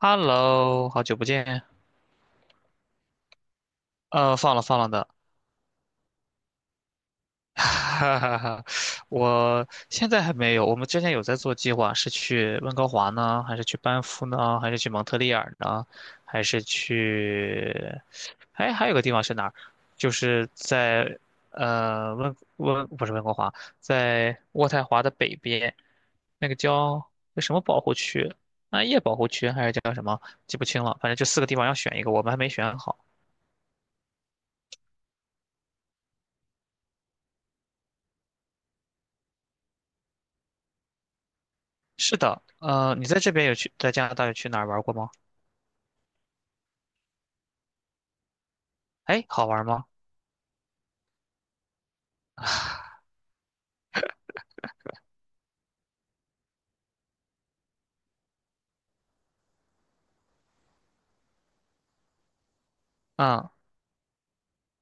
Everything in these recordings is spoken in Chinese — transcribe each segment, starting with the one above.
Hello，好久不见。放了放了的，哈哈哈。我现在还没有。我们之前有在做计划，是去温哥华呢，还是去班夫呢，还是去蒙特利尔呢，还是去……哎，还有个地方是哪儿？就是在呃温温不是温哥华，在渥太华的北边，那个叫那什么保护区，暗夜保护区还是叫什么？记不清了。反正就4个地方要选一个，我们还没选好。是的，你在这边有去，在加拿大有去哪儿玩过吗？哎，好玩吗？嗯，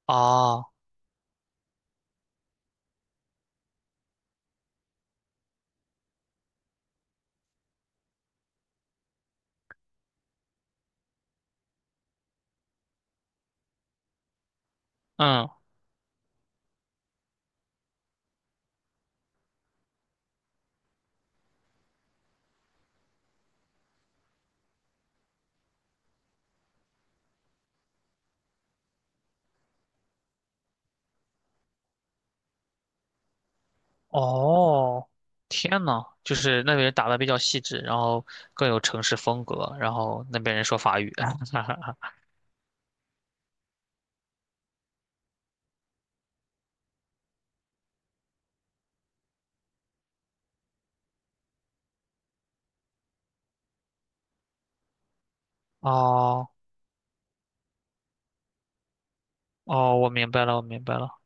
哦，嗯，哦，天呐，就是那边人打的比较细致，然后更有城市风格，然后那边人说法语。哦，哦，我明白了，我明白了。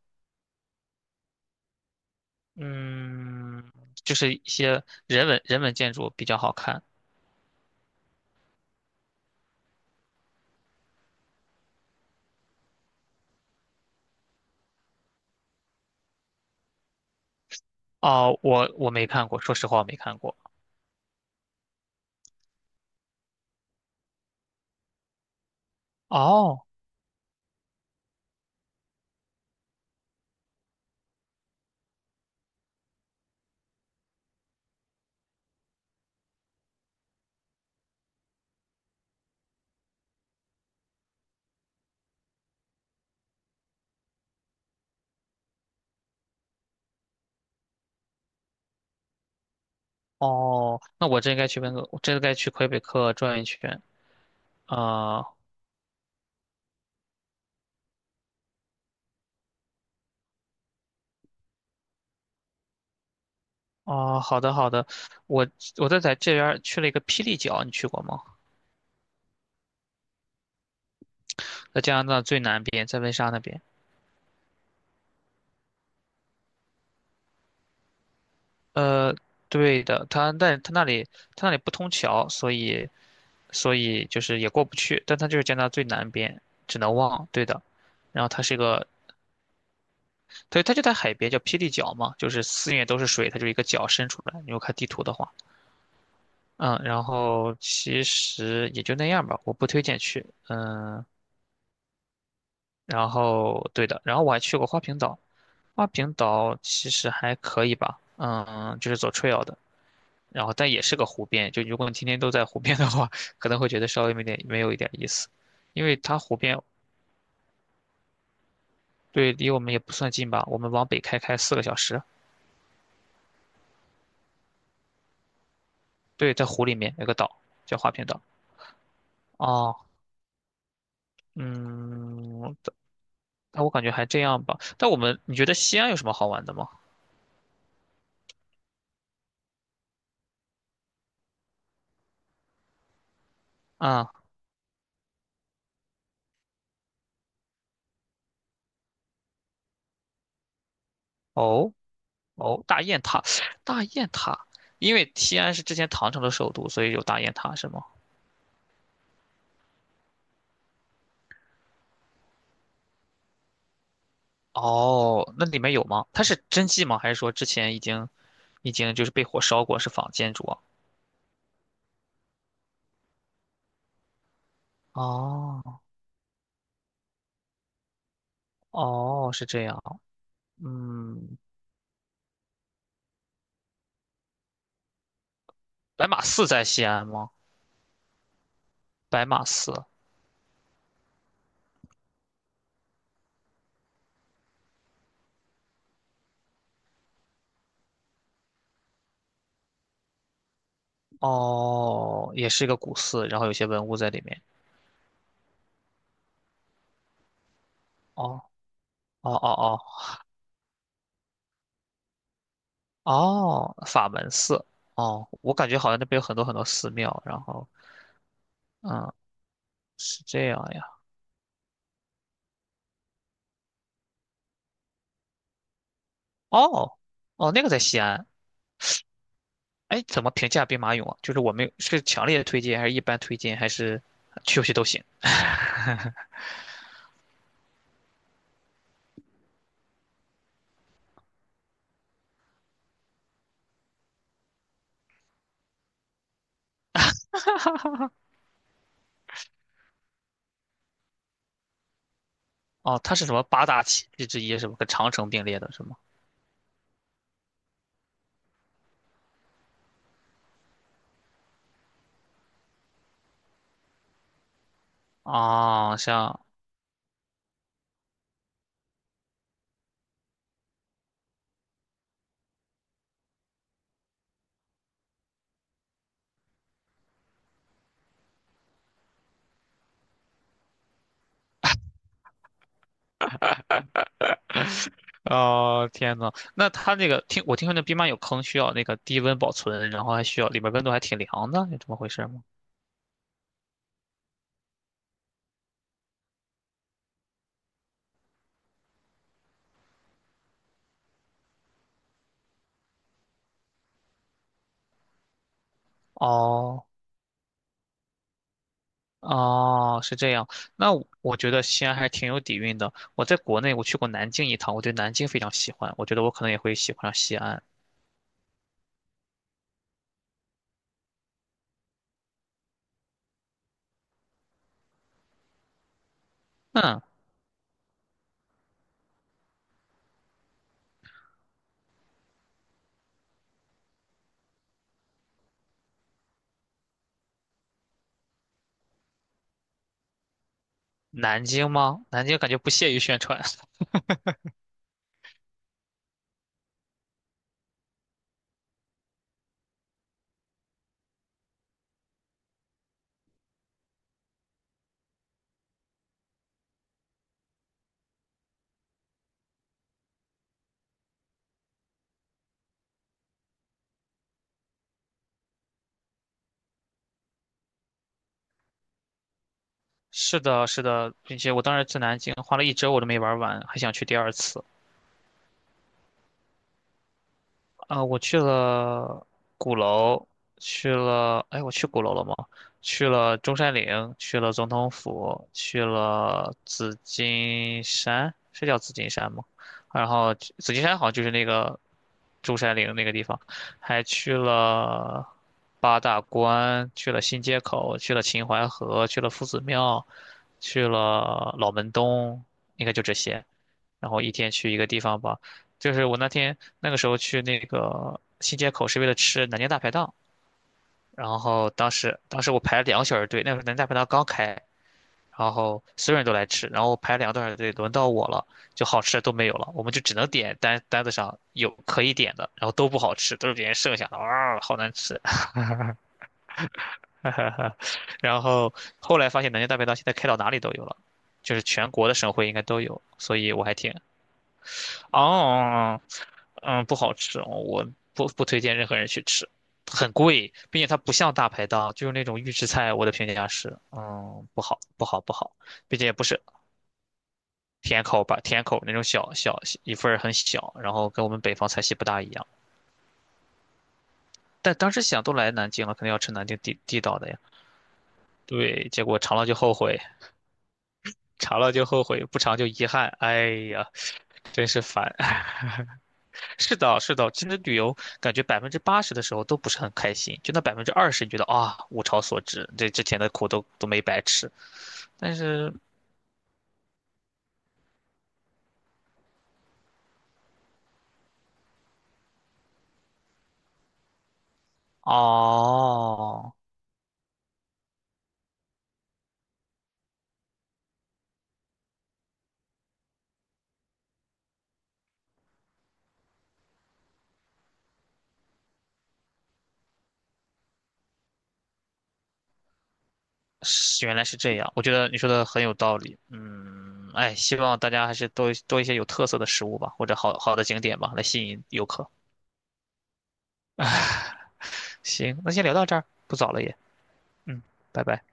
嗯，就是一些人文建筑比较好看。哦，我没看过，说实话我没看过。哦，哦，那我真该去温哥，我真该去魁北克转一圈。啊、哦，好的好的，我我在这边儿去了一个霹雳角，你去过吗？在加拿大最南边，在温莎那边。呃，对的，它但它那里不通桥，所以就是也过不去，但它就是加拿大最南边，只能望，对的。然后它是一个，对，它就在海边，叫霹雳角嘛，就是四面都是水，它就是一个角伸出来。你如果看地图的话，嗯，然后其实也就那样吧，我不推荐去，嗯、然后对的，然后我还去过花瓶岛，花瓶岛其实还可以吧，嗯，就是走 trail 的，然后但也是个湖边，就如果你天天都在湖边的话，可能会觉得稍微没有一点意思，因为它湖边对离我们也不算近吧，我们往北开4个小时，对，在湖里面有个岛叫花瓶岛，哦，嗯，但我感觉还这样吧，但我们你觉得西安有什么好玩的吗？啊、哦。哦，大雁塔，大雁塔，因为西安是之前唐朝的首都，所以有大雁塔是吗？哦，那里面有吗？它是真迹吗？还是说之前已经就是被火烧过，是仿建筑啊？哦哦，是这样。嗯，白马寺在西安吗？白马寺，哦，也是一个古寺，然后有些文物在里面。哦哦哦哦哦，法门寺。哦，我感觉好像那边有很多很多寺庙，然后嗯，是这样呀。哦，哦，那个在西安。哎，怎么评价兵马俑啊？就是我们是强烈推荐，还是一般推荐，还是去不去都行？哦，它是什么八大奇迹之一，是吗？跟长城并列的是吗？啊、像，哦，天呐，那它那个我听说那兵马俑坑需要那个低温保存，然后还需要里面温度还挺凉的，是这么回事吗？哦。哦，是这样。那我觉得西安还挺有底蕴的。我在国内我去过南京一趟，我对南京非常喜欢，我觉得我可能也会喜欢上西安。嗯。南京吗？南京感觉不屑于宣传。是的，是的，并且我当时去南京花了一周，我都没玩完，还想去第二次。啊、我去了鼓楼，去了，哎，我去鼓楼了吗？去了中山陵，去了总统府，去了紫金山，是叫紫金山吗？然后紫金山好像就是那个中山陵那个地方，还去了八大关，去了新街口，去了秦淮河，去了夫子庙，去了老门东，应该就这些。然后一天去一个地方吧。就是我那天那个时候去那个新街口是为了吃南京大排档，然后当时我排了2个小时队，那个时候南京大排档刚开，然后所有人都来吃，然后我排了2个多小时队，轮到我了，就好吃的都没有了，我们就只能点单单子上有可以点的，然后都不好吃，都是别人剩下的，哇，好难吃。然后后来发现南京大排档现在开到哪里都有了，就是全国的省会应该都有，所以我还挺哦，哦哦嗯，不好吃哦我不推荐任何人去吃，很贵，并且它不像大排档，就是那种预制菜。我的评价是，嗯，不好，不好，不好，并且也不是甜口吧，甜口那种小小一份儿很小，然后跟我们北方菜系不大一样。但当时想都来南京了，肯定要吃南京地道的呀。对，结果尝了就后悔，尝了就后悔，不尝就遗憾。哎呀，真是烦。是的，是的，其实旅游感觉80%的时候都不是很开心，就那20%，你觉得啊，物超所值，这之前的苦都没白吃。但是哦，是原来是这样，我觉得你说的很有道理。嗯，哎，希望大家还是多多一些有特色的食物吧，或者好好的景点吧，来吸引游客。行，那先聊到这儿，不早了也。嗯，拜拜。